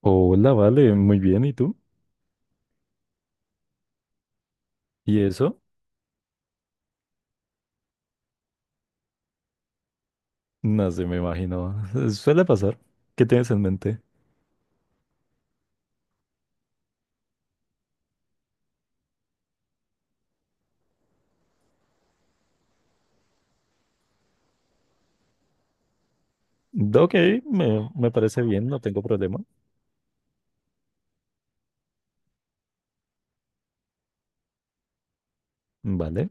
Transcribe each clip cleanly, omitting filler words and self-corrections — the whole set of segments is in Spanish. Hola, vale, muy bien. ¿Y tú? ¿Y eso? No sé, me imagino. Suele pasar. ¿Qué tienes en mente? Ok, me parece bien, no tengo problema. Vale.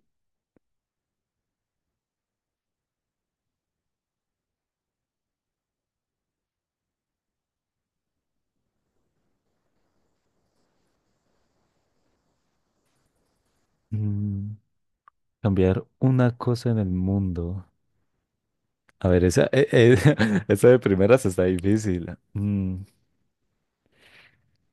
Mm, cambiar una cosa en el mundo. A ver, esa, esa de primeras está difícil. Mm,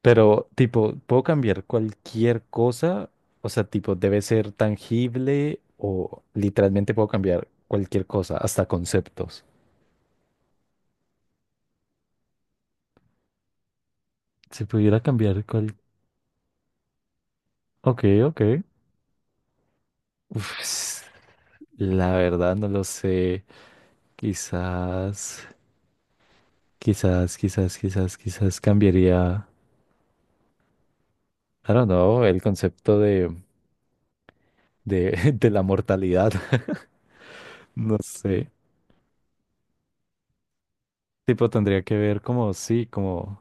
pero, tipo, ¿puedo cambiar cualquier cosa? O sea, tipo, ¿debe ser tangible o literalmente puedo cambiar cualquier cosa, hasta conceptos? Si pudiera cambiar cual... Ok, ok. Uf, la verdad no lo sé. Quizás, quizás cambiaría, I don't know, el concepto de de la mortalidad. No sé. Tipo, tendría que ver como, sí, como,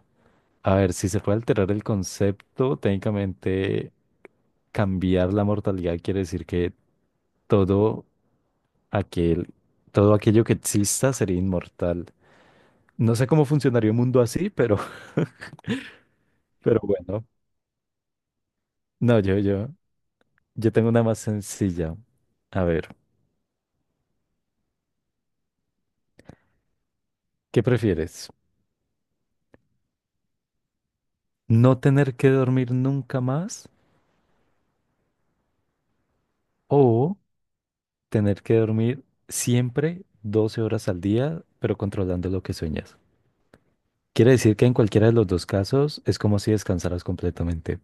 a ver, si se puede alterar el concepto, técnicamente cambiar la mortalidad quiere decir que todo aquel, todo aquello que exista sería inmortal. No sé cómo funcionaría un mundo así, pero, pero bueno. No, yo. Yo tengo una más sencilla. A ver, ¿qué prefieres? ¿No tener que dormir nunca más o tener que dormir siempre 12 horas al día, pero controlando lo que sueñas? Quiere decir que en cualquiera de los dos casos es como si descansaras completamente.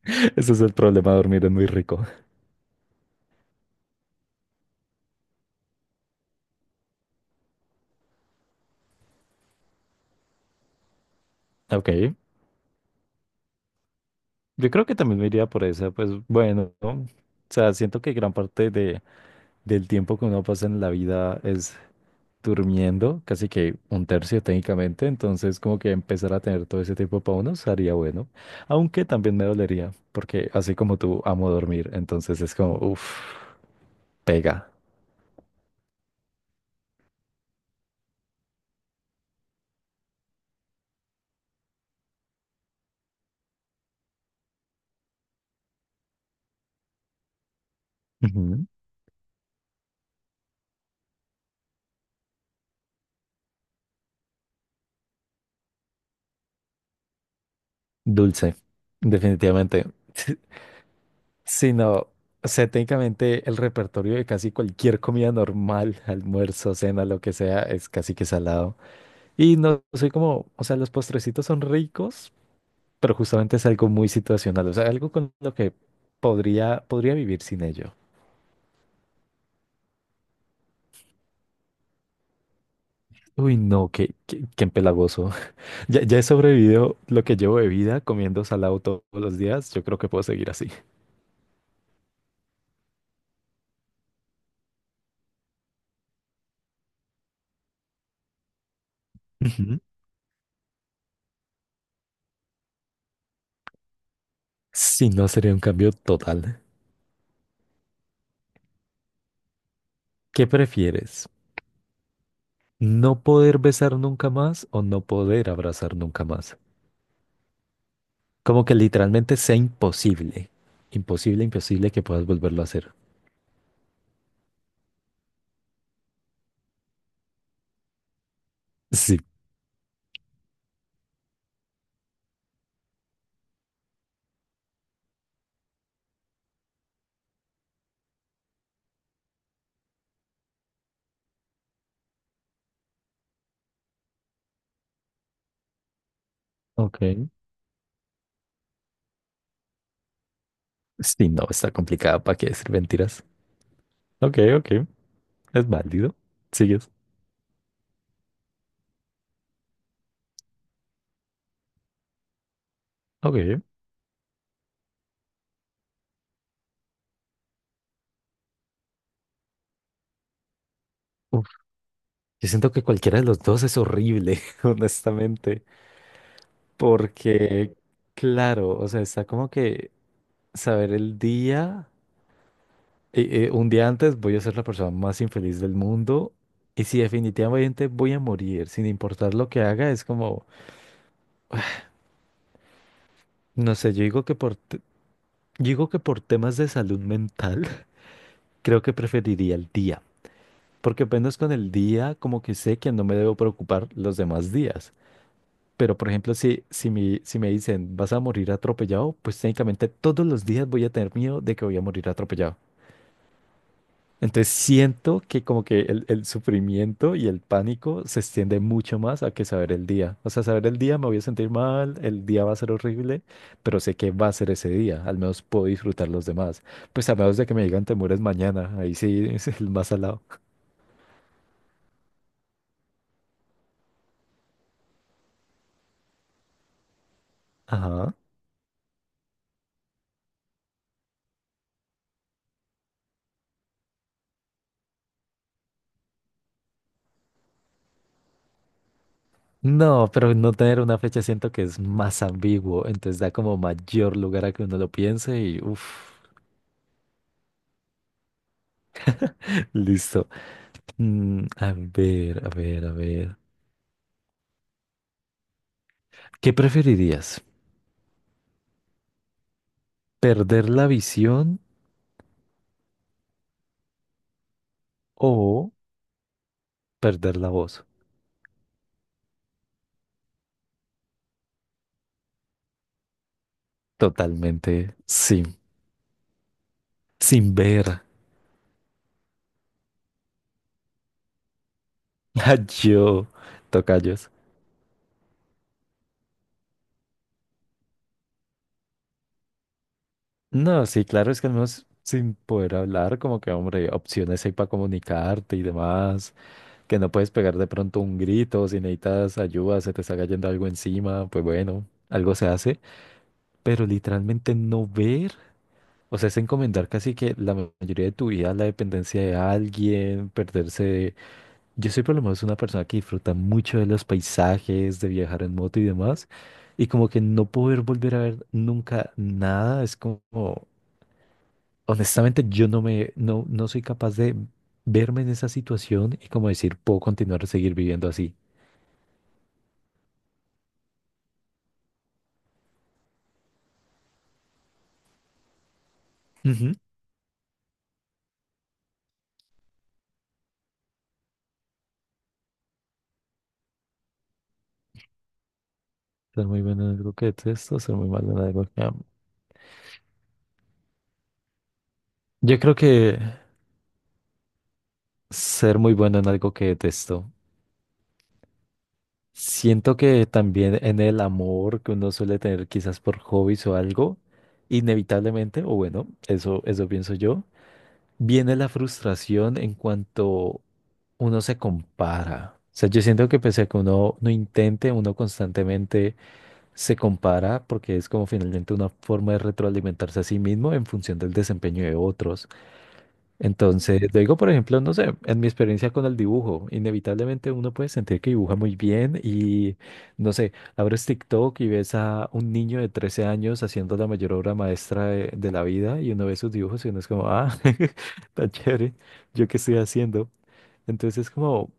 Ese es el problema, dormir es muy rico. Ok, yo creo que también me iría por esa, pues bueno, ¿no? O sea, siento que gran parte del tiempo que uno pasa en la vida es durmiendo casi que un tercio técnicamente, entonces como que empezar a tener todo ese tiempo para uno sería bueno, aunque también me dolería, porque así como tú amo dormir, entonces es como, uff, pega. Ujú. Dulce, definitivamente. Si no, o sea, técnicamente el repertorio de casi cualquier comida normal, almuerzo, cena, lo que sea, es casi que salado. Y no soy como, o sea, los postrecitos son ricos, pero justamente es algo muy situacional, o sea, algo con lo que podría vivir sin ello. Uy, no, qué empalagoso. Ya, ya he sobrevivido lo que llevo de vida comiendo salado todos los días. Yo creo que puedo seguir así. Ujú. Si no, sería un cambio total. ¿Qué prefieres? ¿No poder besar nunca más o no poder abrazar nunca más? Como que literalmente sea imposible. Imposible, imposible que puedas volverlo a hacer. Sí. Ok. Sí, no, está complicada. ¿Para qué decir mentiras? Ok, ok. Es válido. Sigues. Ok. Uf, yo siento que cualquiera de los dos es horrible, honestamente. Porque, claro, o sea, está como que saber el día. Un día antes voy a ser la persona más infeliz del mundo. Y si definitivamente voy a morir, sin importar lo que haga, es como, no sé, yo digo que por temas de salud mental, creo que preferiría el día. Porque apenas con el día, como que sé que no me debo preocupar los demás días. Pero, por ejemplo, si me dicen vas a morir atropellado, pues técnicamente todos los días voy a tener miedo de que voy a morir atropellado. Entonces siento que como que el sufrimiento y el pánico se extiende mucho más a que saber el día. O sea, saber el día me voy a sentir mal, el día va a ser horrible, pero sé que va a ser ese día. Al menos puedo disfrutar los demás. Pues a menos de que me digan te mueres mañana. Ahí sí es el más salado. Ajá. No, pero no tener una fecha siento que es más ambiguo, entonces da como mayor lugar a que uno lo piense y uff, listo. Mm, a ver. ¿Qué preferirías? ¿Perder la visión o perder la voz? Totalmente sin, sin ver. A yo, tocayos. No, sí, claro, es que al menos sin poder hablar, como que, hombre, opciones hay para comunicarte y demás. Que no puedes pegar de pronto un grito, si necesitas ayuda, se te está cayendo algo encima, pues bueno, algo se hace, pero literalmente no ver, o sea, es encomendar casi que la mayoría de tu vida a la dependencia de alguien, perderse. Yo soy por lo menos una persona que disfruta mucho de los paisajes, de viajar en moto y demás, y como que no poder volver a ver nunca nada, es como, honestamente, yo no me, no, no soy capaz de verme en esa situación y como decir, puedo continuar a seguir viviendo así. Ser muy bueno en algo que detesto, ser muy malo en algo que amo. Yo creo que ser muy bueno en algo que detesto. Siento que también en el amor que uno suele tener quizás por hobbies o algo, inevitablemente, o bueno, eso pienso yo, viene la frustración en cuanto uno se compara. O sea, yo siento que pese a que uno no intente, uno constantemente se compara porque es como finalmente una forma de retroalimentarse a sí mismo en función del desempeño de otros. Entonces, digo, por ejemplo, no sé, en mi experiencia con el dibujo, inevitablemente uno puede sentir que dibuja muy bien y, no sé, abres TikTok y ves a un niño de 13 años haciendo la mayor obra maestra de la vida y uno ve sus dibujos y uno es como, ah, tan chévere, ¿yo qué estoy haciendo? Entonces, como,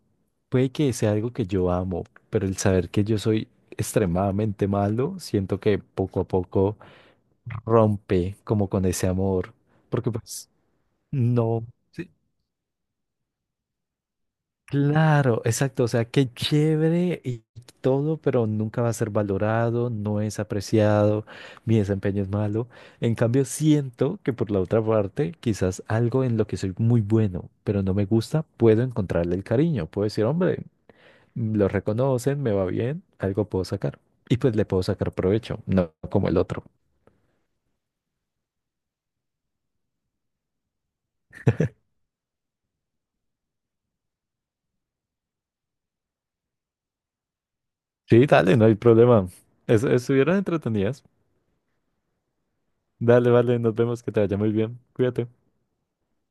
puede que sea algo que yo amo, pero el saber que yo soy extremadamente malo, siento que poco a poco rompe como con ese amor, porque pues no. Sí, claro, exacto, o sea, qué chévere y todo, pero nunca va a ser valorado, no es apreciado, mi desempeño es malo. En cambio, siento que por la otra parte, quizás algo en lo que soy muy bueno, pero no me gusta, puedo encontrarle el cariño, puedo decir, hombre, lo reconocen, me va bien, algo puedo sacar. Y pues le puedo sacar provecho, no como el otro. Sí, dale, no hay problema. Es- estuvieron entretenidas. Dale, vale, nos vemos, que te vaya muy bien. Cuídate.